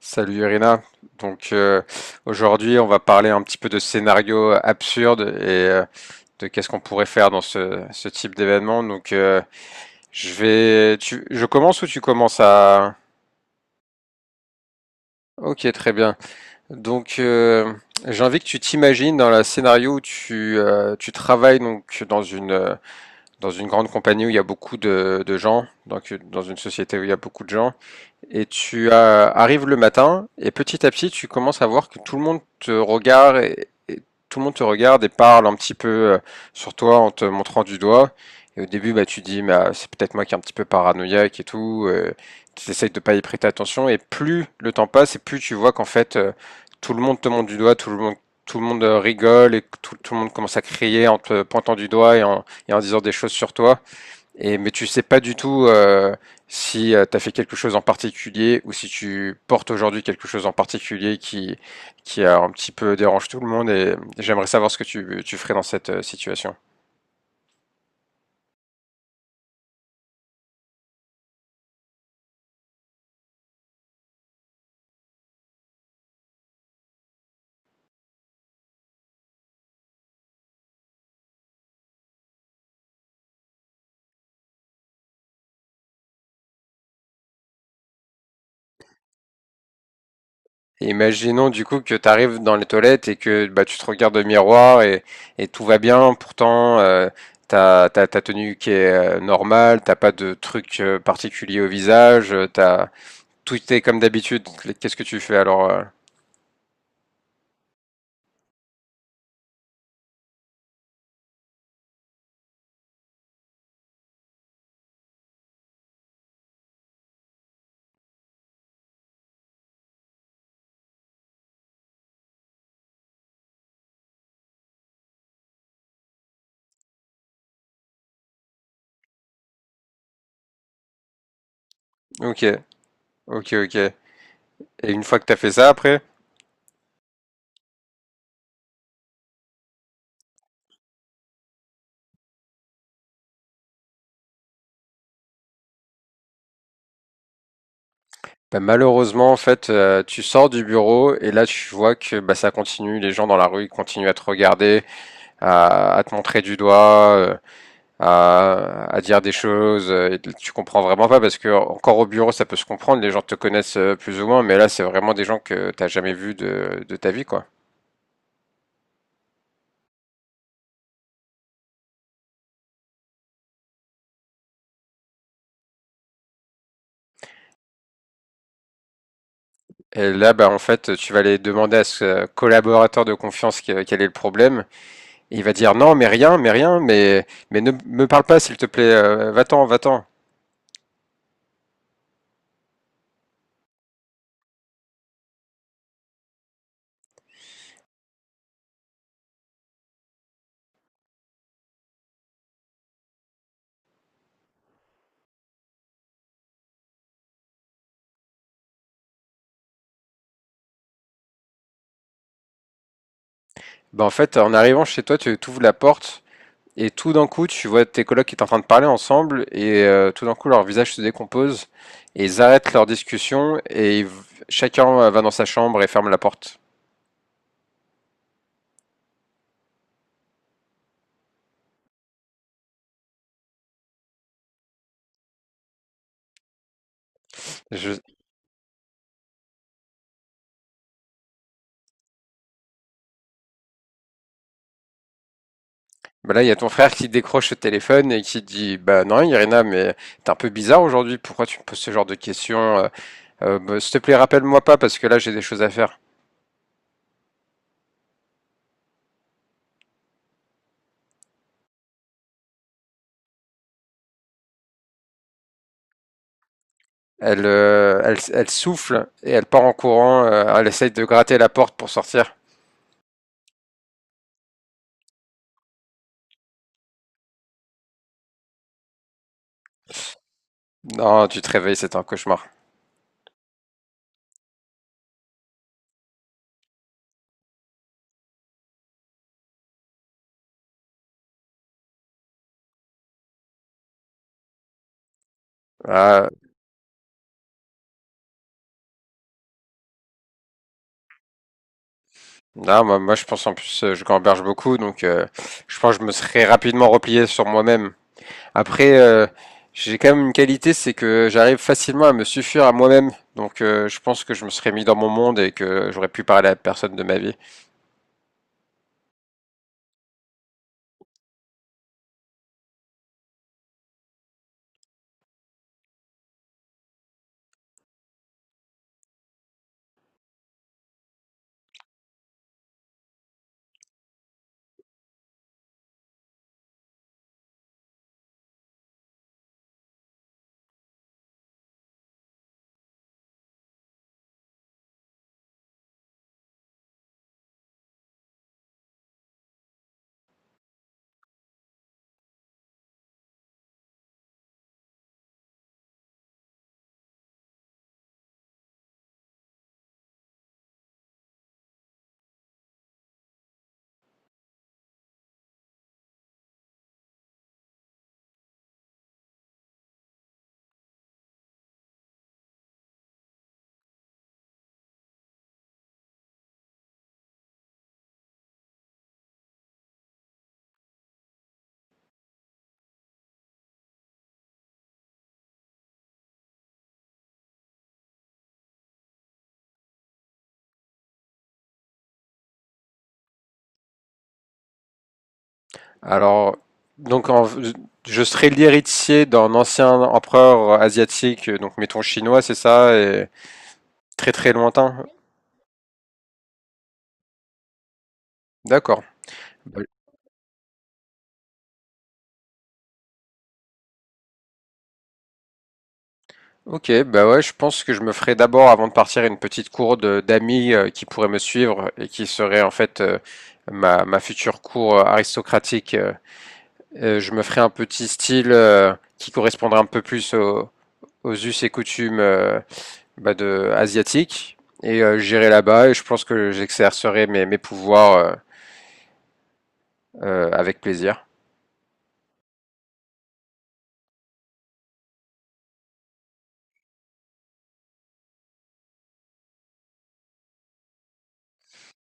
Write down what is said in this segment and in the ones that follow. Salut Irina. Donc euh, Aujourd'hui, on va parler un petit peu de scénarios absurdes et de qu'est-ce qu'on pourrait faire dans ce type d'événement. Je vais, tu, je commence ou tu commences à... Ok, très bien. Donc euh, j'ai envie que tu t'imagines dans le scénario où tu, tu travailles donc dans une grande compagnie où il y a beaucoup de gens, donc dans une société où il y a beaucoup de gens, et tu arrives le matin et petit à petit tu commences à voir que tout le monde te regarde et tout le monde te regarde et parle un petit peu sur toi en te montrant du doigt. Et au début, bah, tu dis, bah, c'est peut-être moi qui est un petit peu paranoïaque et tout. Tu essayes de pas y prêter attention. Et plus le temps passe, et plus tu vois qu'en fait, tout le monde te montre du doigt, tout le monde rigole et tout, tout le monde commence à crier en te pointant du doigt et en disant des choses sur toi. Et mais tu sais pas du tout si tu as fait quelque chose en particulier ou si tu portes aujourd'hui quelque chose en particulier qui a un petit peu dérange tout le monde. Et j'aimerais savoir ce que tu ferais dans cette situation. Et imaginons du coup que tu arrives dans les toilettes et que bah tu te regardes au miroir et tout va bien. Pourtant t'as ta tenue qui est normale, t'as pas de truc particulier au visage, t'as tout est comme d'habitude. Qu'est-ce que tu fais alors Ok, Ok, ok. Et une fois que t'as fait ça, après, bah, malheureusement, en fait, tu sors du bureau et là, tu vois que bah, ça continue. Les gens dans la rue ils continuent à te regarder, à te montrer du doigt, à dire des choses. Et tu comprends vraiment pas parce que encore au bureau, ça peut se comprendre. Les gens te connaissent plus ou moins, mais là, c'est vraiment des gens que t'as jamais vus de ta vie, quoi. Et là, bah, en fait, tu vas aller demander à ce collaborateur de confiance quel est le problème. Et il va dire non, mais rien, mais rien, mais ne me parle pas, s'il te plaît, va-t'en, va-t'en. Ben, en fait, en arrivant chez toi, tu ouvres la porte et tout d'un coup, tu vois tes colocs qui sont en train de parler ensemble et tout d'un coup, leur visage se décompose et ils arrêtent leur discussion chacun va dans sa chambre et ferme la porte. Je- ben là, il y a ton frère qui décroche le téléphone et qui dit bah non, Irina, mais t'es un peu bizarre aujourd'hui, pourquoi tu me poses ce genre de questions. Bah, s'il te plaît, rappelle-moi pas parce que là, j'ai des choses à faire. Elle, elle souffle et elle part en courant. Elle essaye de gratter la porte pour sortir. Non, tu te réveilles, c'est un cauchemar. Ah, non, moi, je pense en plus, je gamberge beaucoup, donc je pense que je me serais rapidement replié sur moi-même. Après, j'ai quand même une qualité, c'est que j'arrive facilement à me suffire à moi-même. Donc je pense que je me serais mis dans mon monde et que j'aurais pu parler à personne de ma vie. Alors, donc en- je serais l'héritier d'un ancien empereur asiatique, donc mettons chinois, c'est ça, et très très lointain. D'accord. Bah, Ok, bah ouais, je pense que je me ferai d'abord, avant de partir, une petite cour d'amis qui pourraient me suivre et qui serait en fait ma future cour aristocratique. Je me ferai un petit style qui correspondrait un peu plus aux us et coutumes bah, de, asiatiques. Et j'irai là-bas et je pense que j'exercerai mes pouvoirs avec plaisir.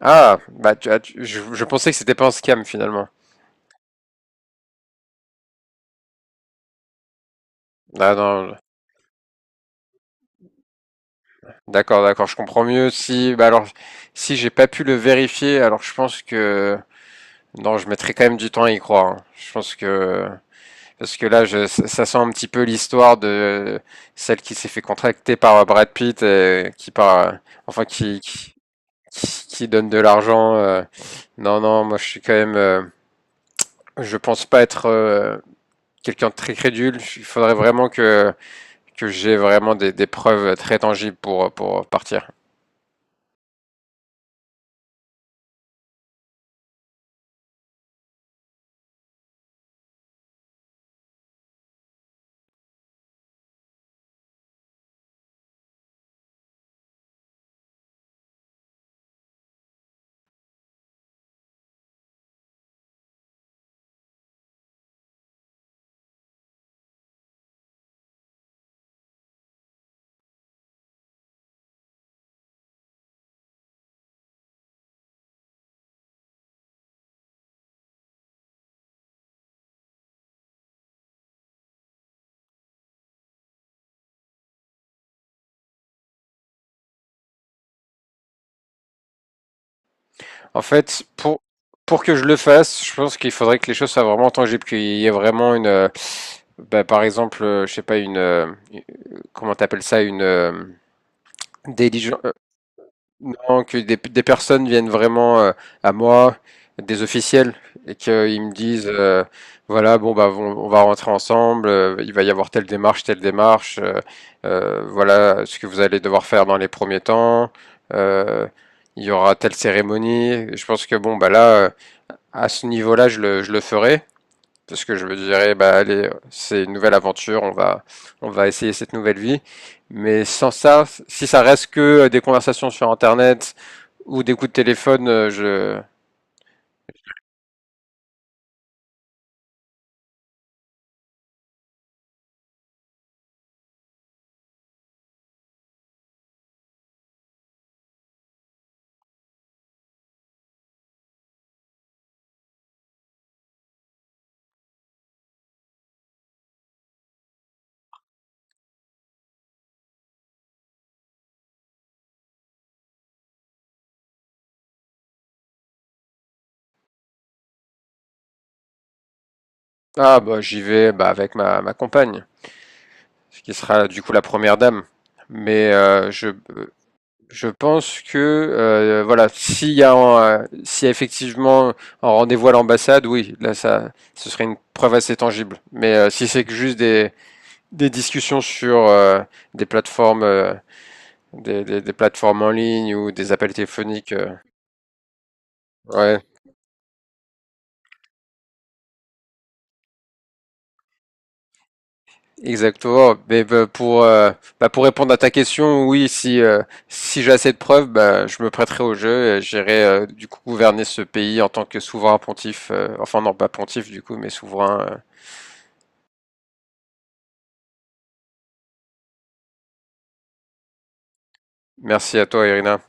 Ah, je pensais que c'était pas un scam finalement. Ah non, d'accord, d'accord, je comprends mieux. Si, bah alors, si j'ai pas pu le vérifier, alors je pense que non, je mettrai quand même du temps à y croire, hein. Je pense que parce que là, je, ça sent un petit peu l'histoire de celle qui s'est fait contracter par Brad Pitt enfin, qui donne de l'argent. Non, non, moi, je suis quand même, je pense pas être quelqu'un de très crédule. Il faudrait vraiment que j'ai vraiment des preuves très tangibles pour partir. En fait, pour, pour que je le fasse, je pense qu'il faudrait que les choses soient vraiment tangibles, qu'il y ait vraiment une, bah, par exemple, je sais pas, une, comment t'appelles ça, une diligence, non, que des personnes viennent vraiment à moi, des officiels, et qu'ils me disent, voilà, bon bah, on va rentrer ensemble, il va y avoir telle démarche, voilà ce que vous allez devoir faire dans les premiers temps, euh, il y aura telle cérémonie. Je pense que bon bah là, à ce niveau-là, je le ferai, parce que je me dirais, bah allez, c'est une nouvelle aventure, on va essayer cette nouvelle vie. Mais sans ça, si ça reste que des conversations sur Internet ou des coups de téléphone, je, ah bah j'y vais, bah avec ma compagne, ce qui sera du coup la première dame. Mais je pense que voilà, s'il y a, s'il y a effectivement un rendez-vous à l'ambassade, oui, là ça, ce serait une preuve assez tangible. Mais si c'est que juste des discussions sur des plateformes, des plateformes en ligne ou des appels téléphoniques. Ouais, exactement. Mais bah, pour répondre à ta question, oui, si si j'ai assez de preuves, bah, je me prêterai au jeu et j'irai du coup gouverner ce pays en tant que souverain pontife. Euh, enfin non, pas pontife du coup, mais souverain. Merci à toi, Irina.